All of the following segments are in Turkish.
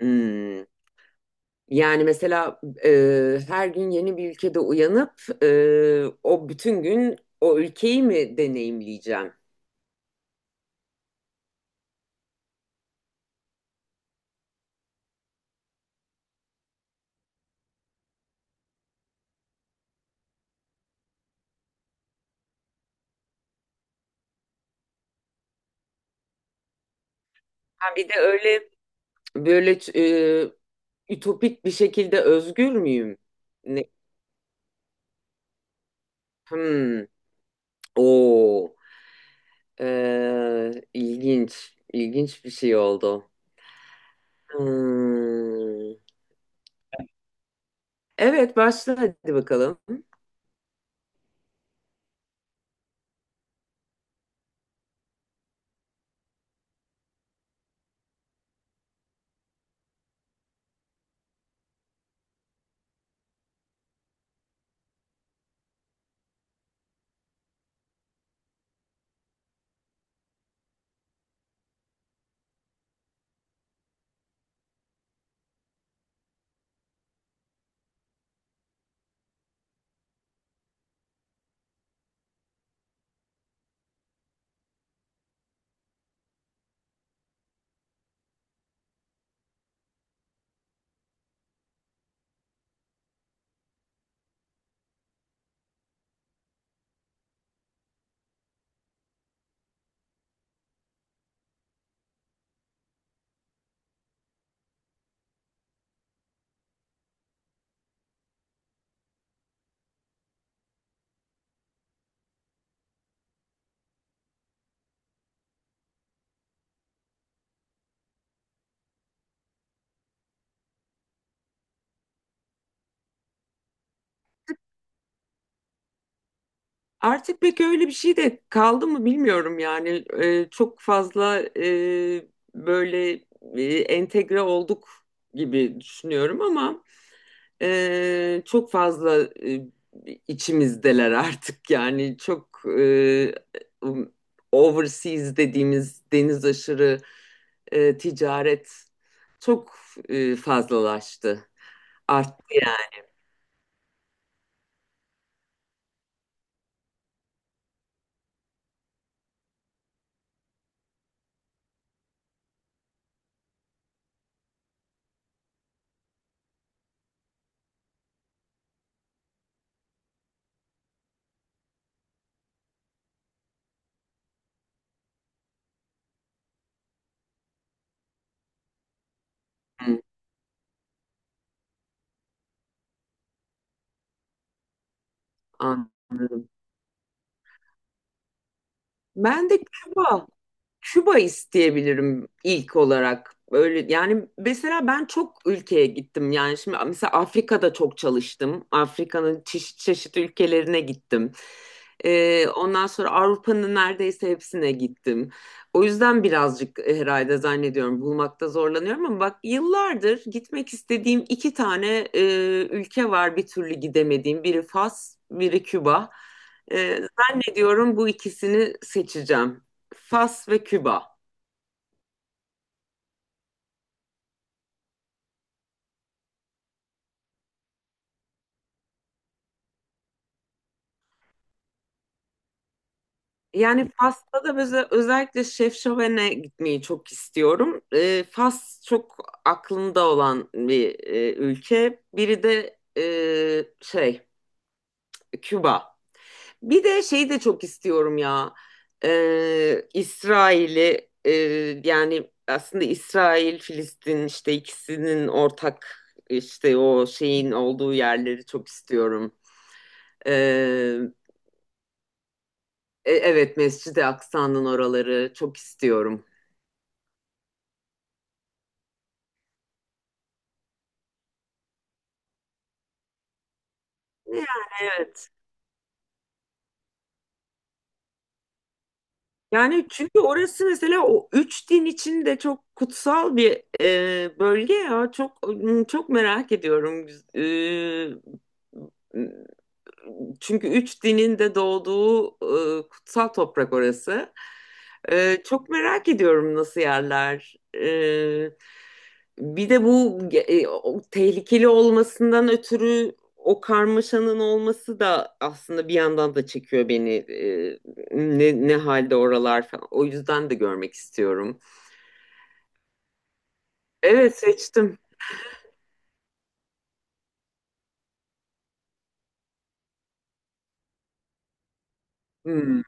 Hmm. Yani mesela her gün yeni bir ülkede uyanıp o bütün gün o ülkeyi mi deneyimleyeceğim? Ha bir de öyle böyle ütopik bir şekilde özgür müyüm? Ne? Hmm. Oo. E, ilginç, ilginç bir şey oldu. Hmm. Evet, başla hadi bakalım. Artık pek öyle bir şey de kaldı mı bilmiyorum yani. Çok fazla, böyle, entegre olduk gibi düşünüyorum ama çok fazla, içimizdeler artık, yani çok, um, overseas dediğimiz deniz aşırı ticaret çok fazlalaştı, arttı yani. Anladım. Ben de Küba, Küba isteyebilirim ilk olarak. Böyle yani, mesela ben çok ülkeye gittim. Yani şimdi mesela Afrika'da çok çalıştım. Afrika'nın çeşit çeşit ülkelerine gittim. Ondan sonra Avrupa'nın neredeyse hepsine gittim. O yüzden birazcık herhalde zannediyorum bulmakta zorlanıyorum ama bak, yıllardır gitmek istediğim iki tane ülke var bir türlü gidemediğim. Biri Fas, biri Küba. Ee, ediyorum, bu ikisini seçeceğim. Fas ve Küba. Yani Fas'ta da böyle özellikle Şef gitmeyi çok istiyorum. Fas çok aklımda olan bir ülke. Biri de şey, Küba. Bir de şeyi de çok istiyorum ya. İsrail'i yani aslında İsrail, Filistin, işte ikisinin ortak, işte o şeyin olduğu yerleri çok istiyorum. Ee, evet, Mescid-i Aksa'nın oraları çok istiyorum. Yani evet. Yani çünkü orası mesela o üç din için de çok kutsal bir bölge ya. Çok çok merak ediyorum. E, Çünkü üç dinin de doğduğu kutsal toprak orası. Çok merak ediyorum nasıl yerler. Bir de bu o tehlikeli olmasından ötürü o karmaşanın olması da aslında bir yandan da çekiyor beni. Ne halde oralar falan. O yüzden de görmek istiyorum. Evet, seçtim. Hmm.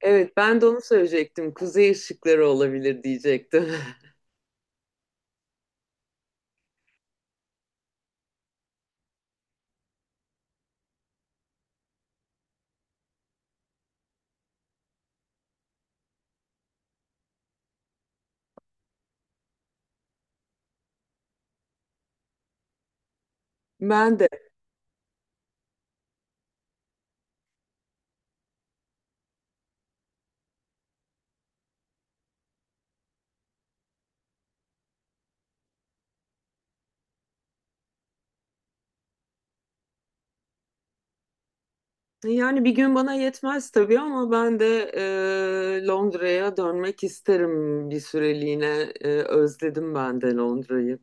Evet, ben de onu söyleyecektim. Kuzey ışıkları olabilir diyecektim. Ben de. Yani bir gün bana yetmez tabii ama ben de Londra'ya dönmek isterim bir süreliğine. Özledim ben de Londra'yı.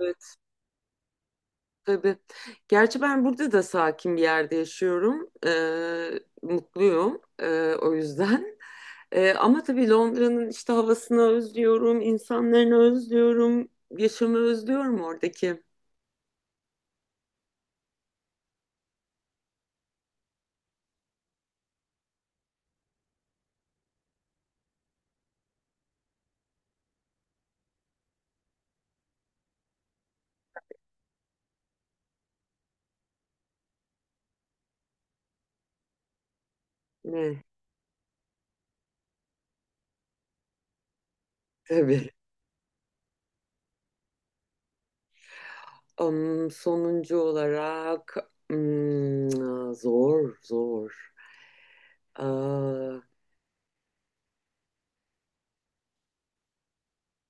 Evet, tabii. Gerçi ben burada da sakin bir yerde yaşıyorum. Mutluyum o yüzden. Ama tabii Londra'nın işte havasını özlüyorum, insanlarını özlüyorum, yaşamı özlüyorum oradaki. Ne? Tabii. Sonuncu olarak zor, zor. Aa,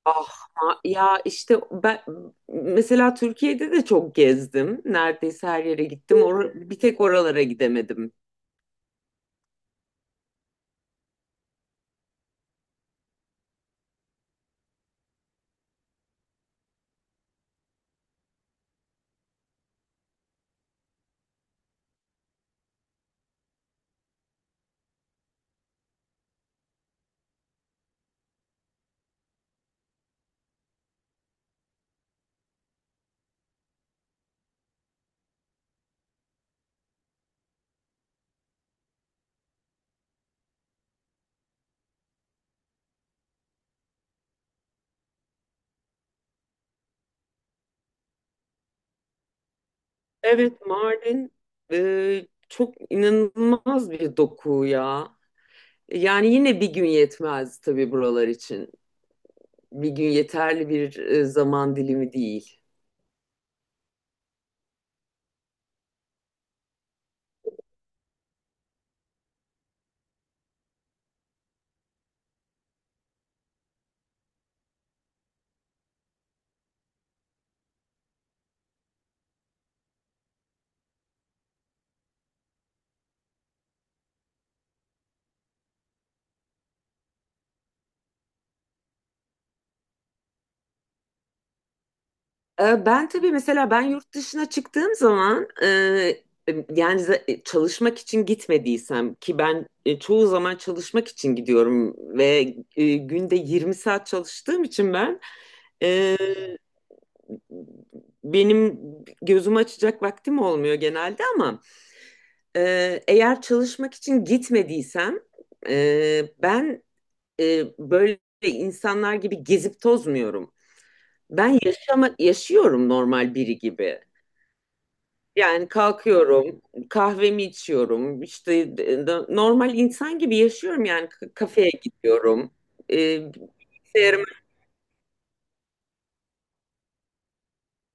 ah ya işte ben mesela Türkiye'de de çok gezdim. Neredeyse her yere gittim. Bir tek oralara gidemedim. Evet, Mardin çok inanılmaz bir doku ya. Yani yine bir gün yetmez tabii buralar için. Bir gün yeterli bir zaman dilimi değil. Ben tabii mesela ben yurt dışına çıktığım zaman, yani çalışmak için gitmediysem. Ki ben çoğu zaman çalışmak için gidiyorum ve günde 20 saat çalıştığım için benim gözümü açacak vaktim olmuyor genelde, ama e, eğer çalışmak için gitmediysem, ben böyle insanlar gibi gezip tozmuyorum. Ben yaşıyorum normal biri gibi. Yani kalkıyorum, kahvemi içiyorum, işte, normal insan gibi yaşıyorum yani, kafeye gidiyorum, e, bilgisayarımı.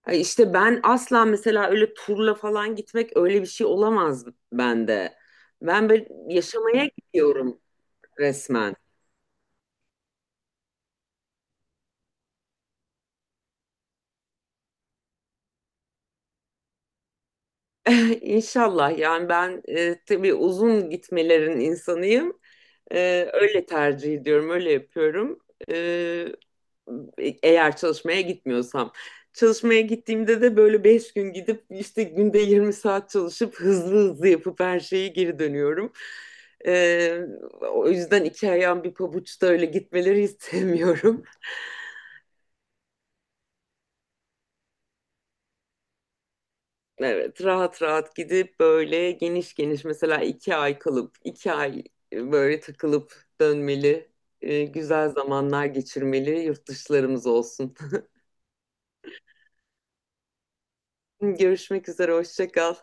Ay, işte ben asla mesela öyle turla falan gitmek, öyle bir şey olamaz bende. Ben böyle yaşamaya gidiyorum resmen. İnşallah, yani ben tabii uzun gitmelerin insanıyım. Öyle tercih ediyorum, öyle yapıyorum. E, eğer çalışmaya gitmiyorsam. Çalışmaya gittiğimde de böyle 5 gün gidip işte günde 20 saat çalışıp hızlı hızlı yapıp her şeyi geri dönüyorum. Ee, o yüzden iki ayağım bir pabuçta öyle gitmeleri istemiyorum. Evet, rahat rahat gidip böyle geniş geniş mesela 2 ay kalıp 2 ay böyle takılıp dönmeli, güzel zamanlar geçirmeli, yurt dışlarımız olsun. Görüşmek üzere, hoşça kal.